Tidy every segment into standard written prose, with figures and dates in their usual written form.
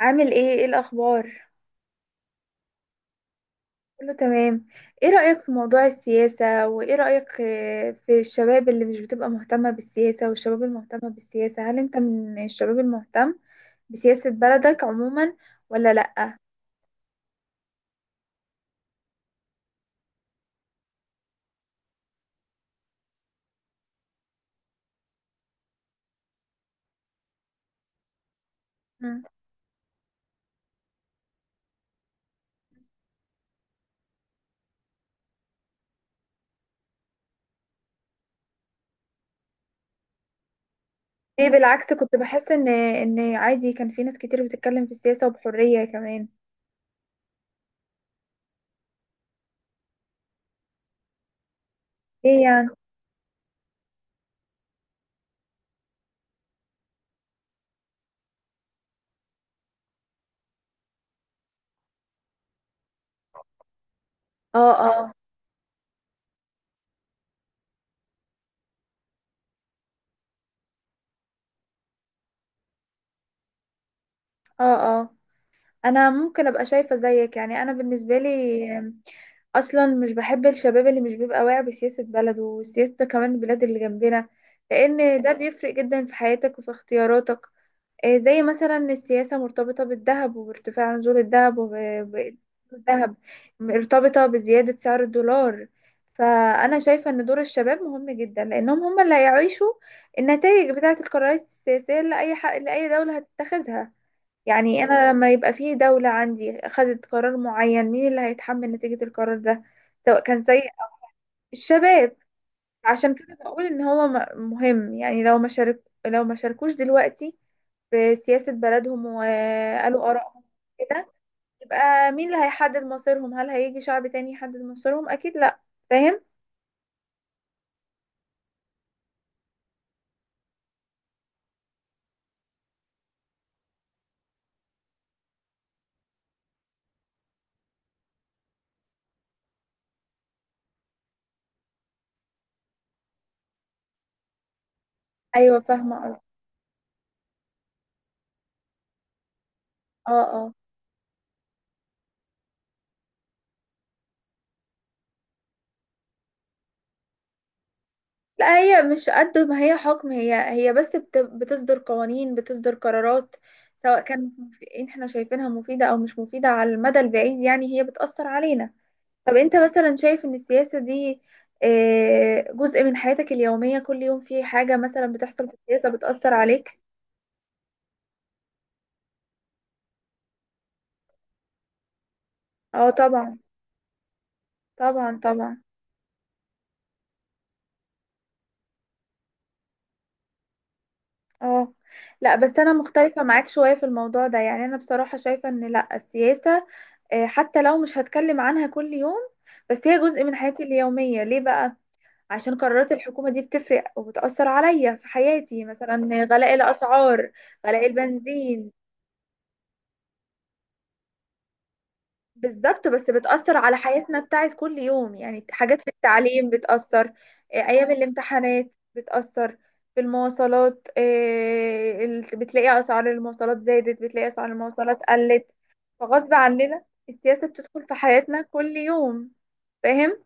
عامل ايه الاخبار؟ كله تمام. ايه رأيك في موضوع السياسة، وايه رأيك في الشباب اللي مش بتبقى مهتمة بالسياسة والشباب المهتمة بالسياسة؟ هل انت من الشباب المهتم بسياسة بلدك عموما ولا لأ؟ مم. ليه؟ بالعكس، كنت بحس ان عادي كان في ناس كتير بتتكلم في السياسة وبحرية كمان. ايه يعني؟ اه، اه. اه، اه. انا ممكن ابقى شايفة زيك. يعني انا بالنسبة لي اصلا مش بحب الشباب اللي مش بيبقى واعي بسياسة بلده وسياسة كمان البلاد اللي جنبنا، لان ده بيفرق جدا في حياتك وفي اختياراتك. زي مثلا السياسة مرتبطة بالذهب وبارتفاع نزول الذهب، والذهب مرتبطة بزيادة سعر الدولار. فأنا شايفة إن دور الشباب مهم جدا، لأنهم هم اللي هيعيشوا النتائج بتاعة القرارات السياسية لأي حق لأي دولة هتتخذها. يعني انا لما يبقى في دولة عندي خدت قرار معين، مين اللي هيتحمل نتيجة القرار ده؟ سواء كان سيء أو، الشباب. عشان كده بقول ان هو مهم، يعني لو ما شارك، لو ما شاركوش دلوقتي في سياسة بلدهم وقالوا آرائهم كده، يبقى مين اللي هيحدد مصيرهم؟ هل هيجي شعب تاني يحدد مصيرهم؟ اكيد لا. فاهم؟ ايوه فاهمة قصدي. اه، اه. لا، هي مش قد ما هي حكم، هي بس بتصدر قوانين، بتصدر قرارات سواء كان احنا شايفينها مفيدة او مش مفيدة على المدى البعيد، يعني هي بتأثر علينا. طب انت مثلا شايف ان السياسة دي جزء من حياتك اليومية؟ كل يوم في حاجة مثلا بتحصل في السياسة بتأثر عليك. اه طبعا. طبعا، طبعا. اه، لا بس انا مختلفة معاك شوية في الموضوع ده. يعني انا بصراحة شايفة ان لا، السياسة حتى لو مش هتكلم عنها كل يوم، بس هي جزء من حياتي اليومية. ليه بقى؟ عشان قرارات الحكومة دي بتفرق وبتأثر عليا في حياتي، مثلا غلاء الأسعار، غلاء البنزين. بالظبط، بس بتأثر على حياتنا بتاعت كل يوم، يعني حاجات في التعليم بتأثر، أيام الامتحانات بتأثر، في المواصلات، بتلاقي أسعار المواصلات زادت، بتلاقي أسعار المواصلات قلت. فغصب عننا السياسة بتدخل في حياتنا كل يوم. فاهم؟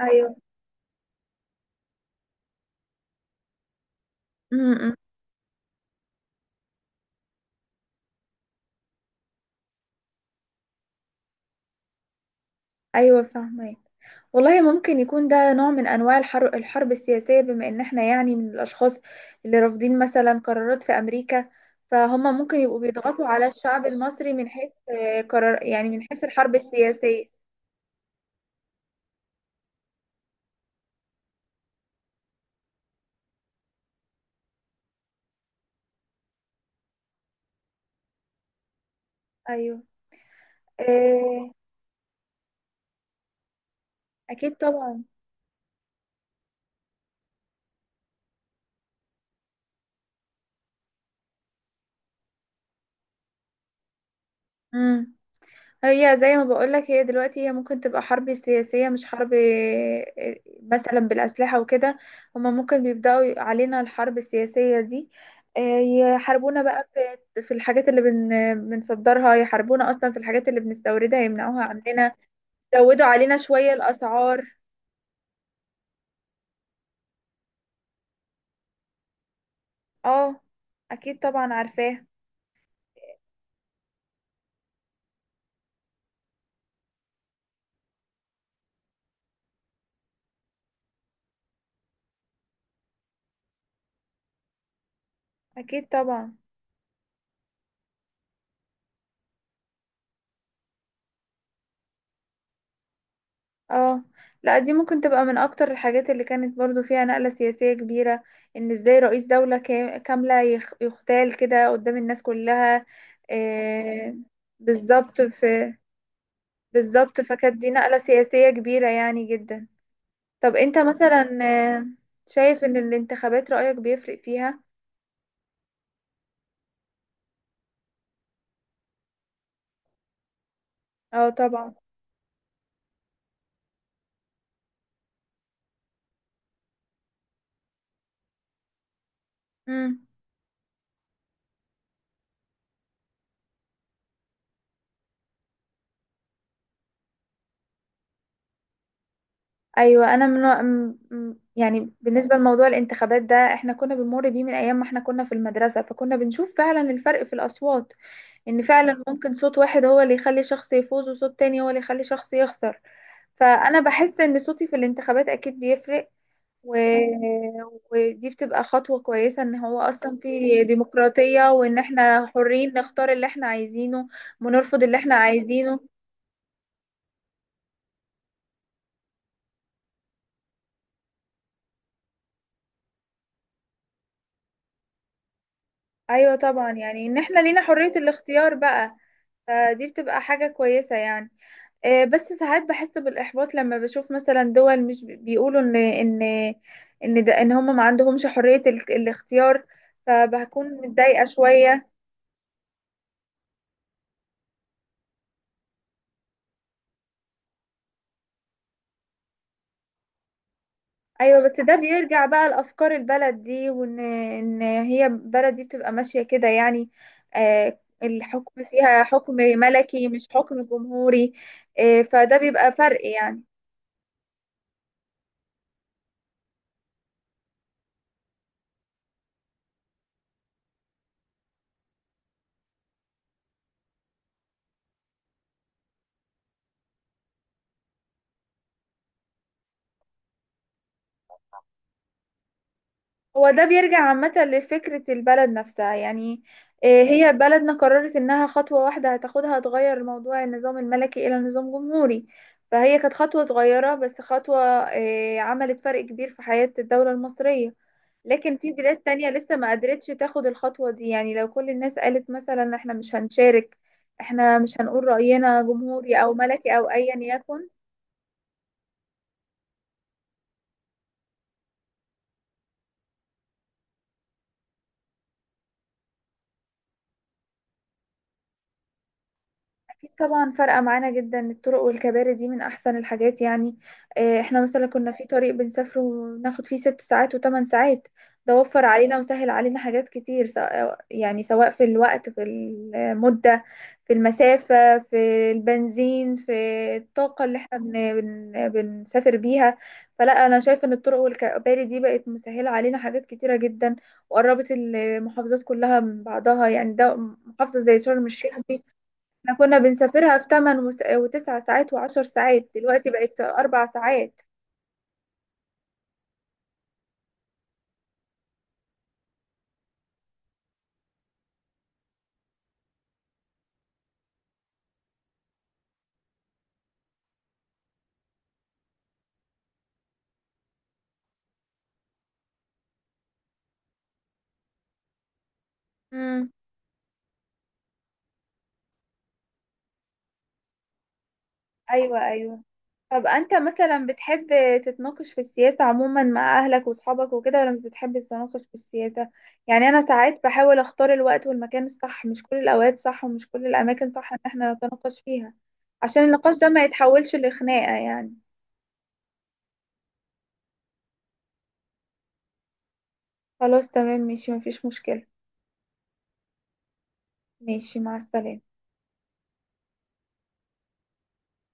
ايوه. امم. ايوه فاهمك. والله ممكن يكون ده نوع من انواع الحرب، الحرب السياسيه، بما ان احنا يعني من الاشخاص اللي رافضين مثلا قرارات في امريكا، فهم ممكن يبقوا بيضغطوا على الشعب المصري من حيث قرار، يعني من حيث الحرب السياسيه. ايوه. آه، اكيد طبعا. مم. هي زي ما بقولك، هي دلوقتي هي ممكن تبقى حرب سياسية مش حرب، مثلا بالأسلحة وكده. هما ممكن بيبدأوا علينا الحرب السياسية دي، آه، يحاربونا بقى في الحاجات اللي بنصدرها، يحاربونا أصلا في الحاجات اللي بنستوردها يمنعوها عندنا، يزودوا علينا شوية الأسعار. اه أكيد طبعا، عارفاه. أكيد طبعا. اه، لا دي ممكن تبقى من اكتر الحاجات اللي كانت برضو فيها نقلة سياسية كبيرة، ان ازاي رئيس دولة كاملة يغتال كده قدام الناس كلها. آه، بالظبط في، بالظبط فكانت دي نقلة سياسية كبيرة يعني جدا. طب انت مثلا آه، شايف ان الانتخابات رأيك بيفرق فيها؟ اه طبعا. مم. ايوه انا من، يعني بالنسبه لموضوع الانتخابات ده، احنا كنا بنمر بيه من ايام ما احنا كنا في المدرسه، فكنا بنشوف فعلا الفرق في الاصوات، ان فعلا ممكن صوت واحد هو اللي يخلي شخص يفوز وصوت تاني هو اللي يخلي شخص يخسر. فانا بحس ان صوتي في الانتخابات اكيد بيفرق، و... ودي بتبقى خطوة كويسة ان هو اصلا في ديمقراطية، وان احنا حرين نختار اللي احنا عايزينه ونرفض اللي احنا عايزينه. ايوه طبعا، يعني ان احنا لينا حرية الاختيار بقى، فدي بتبقى حاجة كويسة يعني. بس ساعات بحس بالإحباط لما بشوف مثلا دول مش بيقولوا إن إن ده، إن هم ما عندهمش حرية الاختيار، فبكون متضايقة شوية. أيوة بس ده بيرجع بقى لأفكار البلد دي، وإن هي البلد دي بتبقى ماشية كده يعني، الحكم فيها حكم ملكي مش حكم جمهوري. فده بيبقى فرق يعني. هو ده بيرجع عامة لفكرة البلد نفسها يعني. هي بلدنا قررت انها خطوة واحدة هتاخدها، تغير موضوع النظام الملكي الى نظام جمهوري، فهي كانت خطوة صغيرة بس خطوة عملت فرق كبير في حياة الدولة المصرية. لكن في بلاد تانية لسه ما قدرتش تاخد الخطوة دي. يعني لو كل الناس قالت مثلا احنا مش هنشارك، احنا مش هنقول رأينا جمهوري او ملكي او ايا يكن. أكيد طبعا، فرقة معانا جدا. الطرق والكباري دي من أحسن الحاجات يعني. احنا مثلا كنا في طريق بنسافره وناخد فيه 6 ساعات و8 ساعات، ده وفر علينا وسهل علينا حاجات كتير، سواء يعني سواء في الوقت، في المدة، في المسافة، في البنزين، في الطاقة اللي احنا بن بن بنسافر بيها. فلا أنا شايفة إن الطرق والكباري دي بقت مسهلة علينا حاجات كتيرة جدا، وقربت المحافظات كلها من بعضها. يعني ده محافظة زي شرم الشيخ احنا كنا بنسافرها في 8 وتسع ساعات وعشر ساعات، دلوقتي بقت 4 ساعات. امم. ايوه، ايوه. طب انت مثلا بتحب تتناقش في السياسة عموما مع اهلك واصحابك وكده، ولا مش بتحب تتناقش في السياسة؟ يعني انا ساعات بحاول اختار الوقت والمكان الصح. مش كل الاوقات صح ومش كل الاماكن صح ان احنا نتناقش فيها، عشان النقاش ده ما يتحولش لخناقة يعني. خلاص تمام، ماشي، مفيش مشكلة. ماشي، مع السلامة.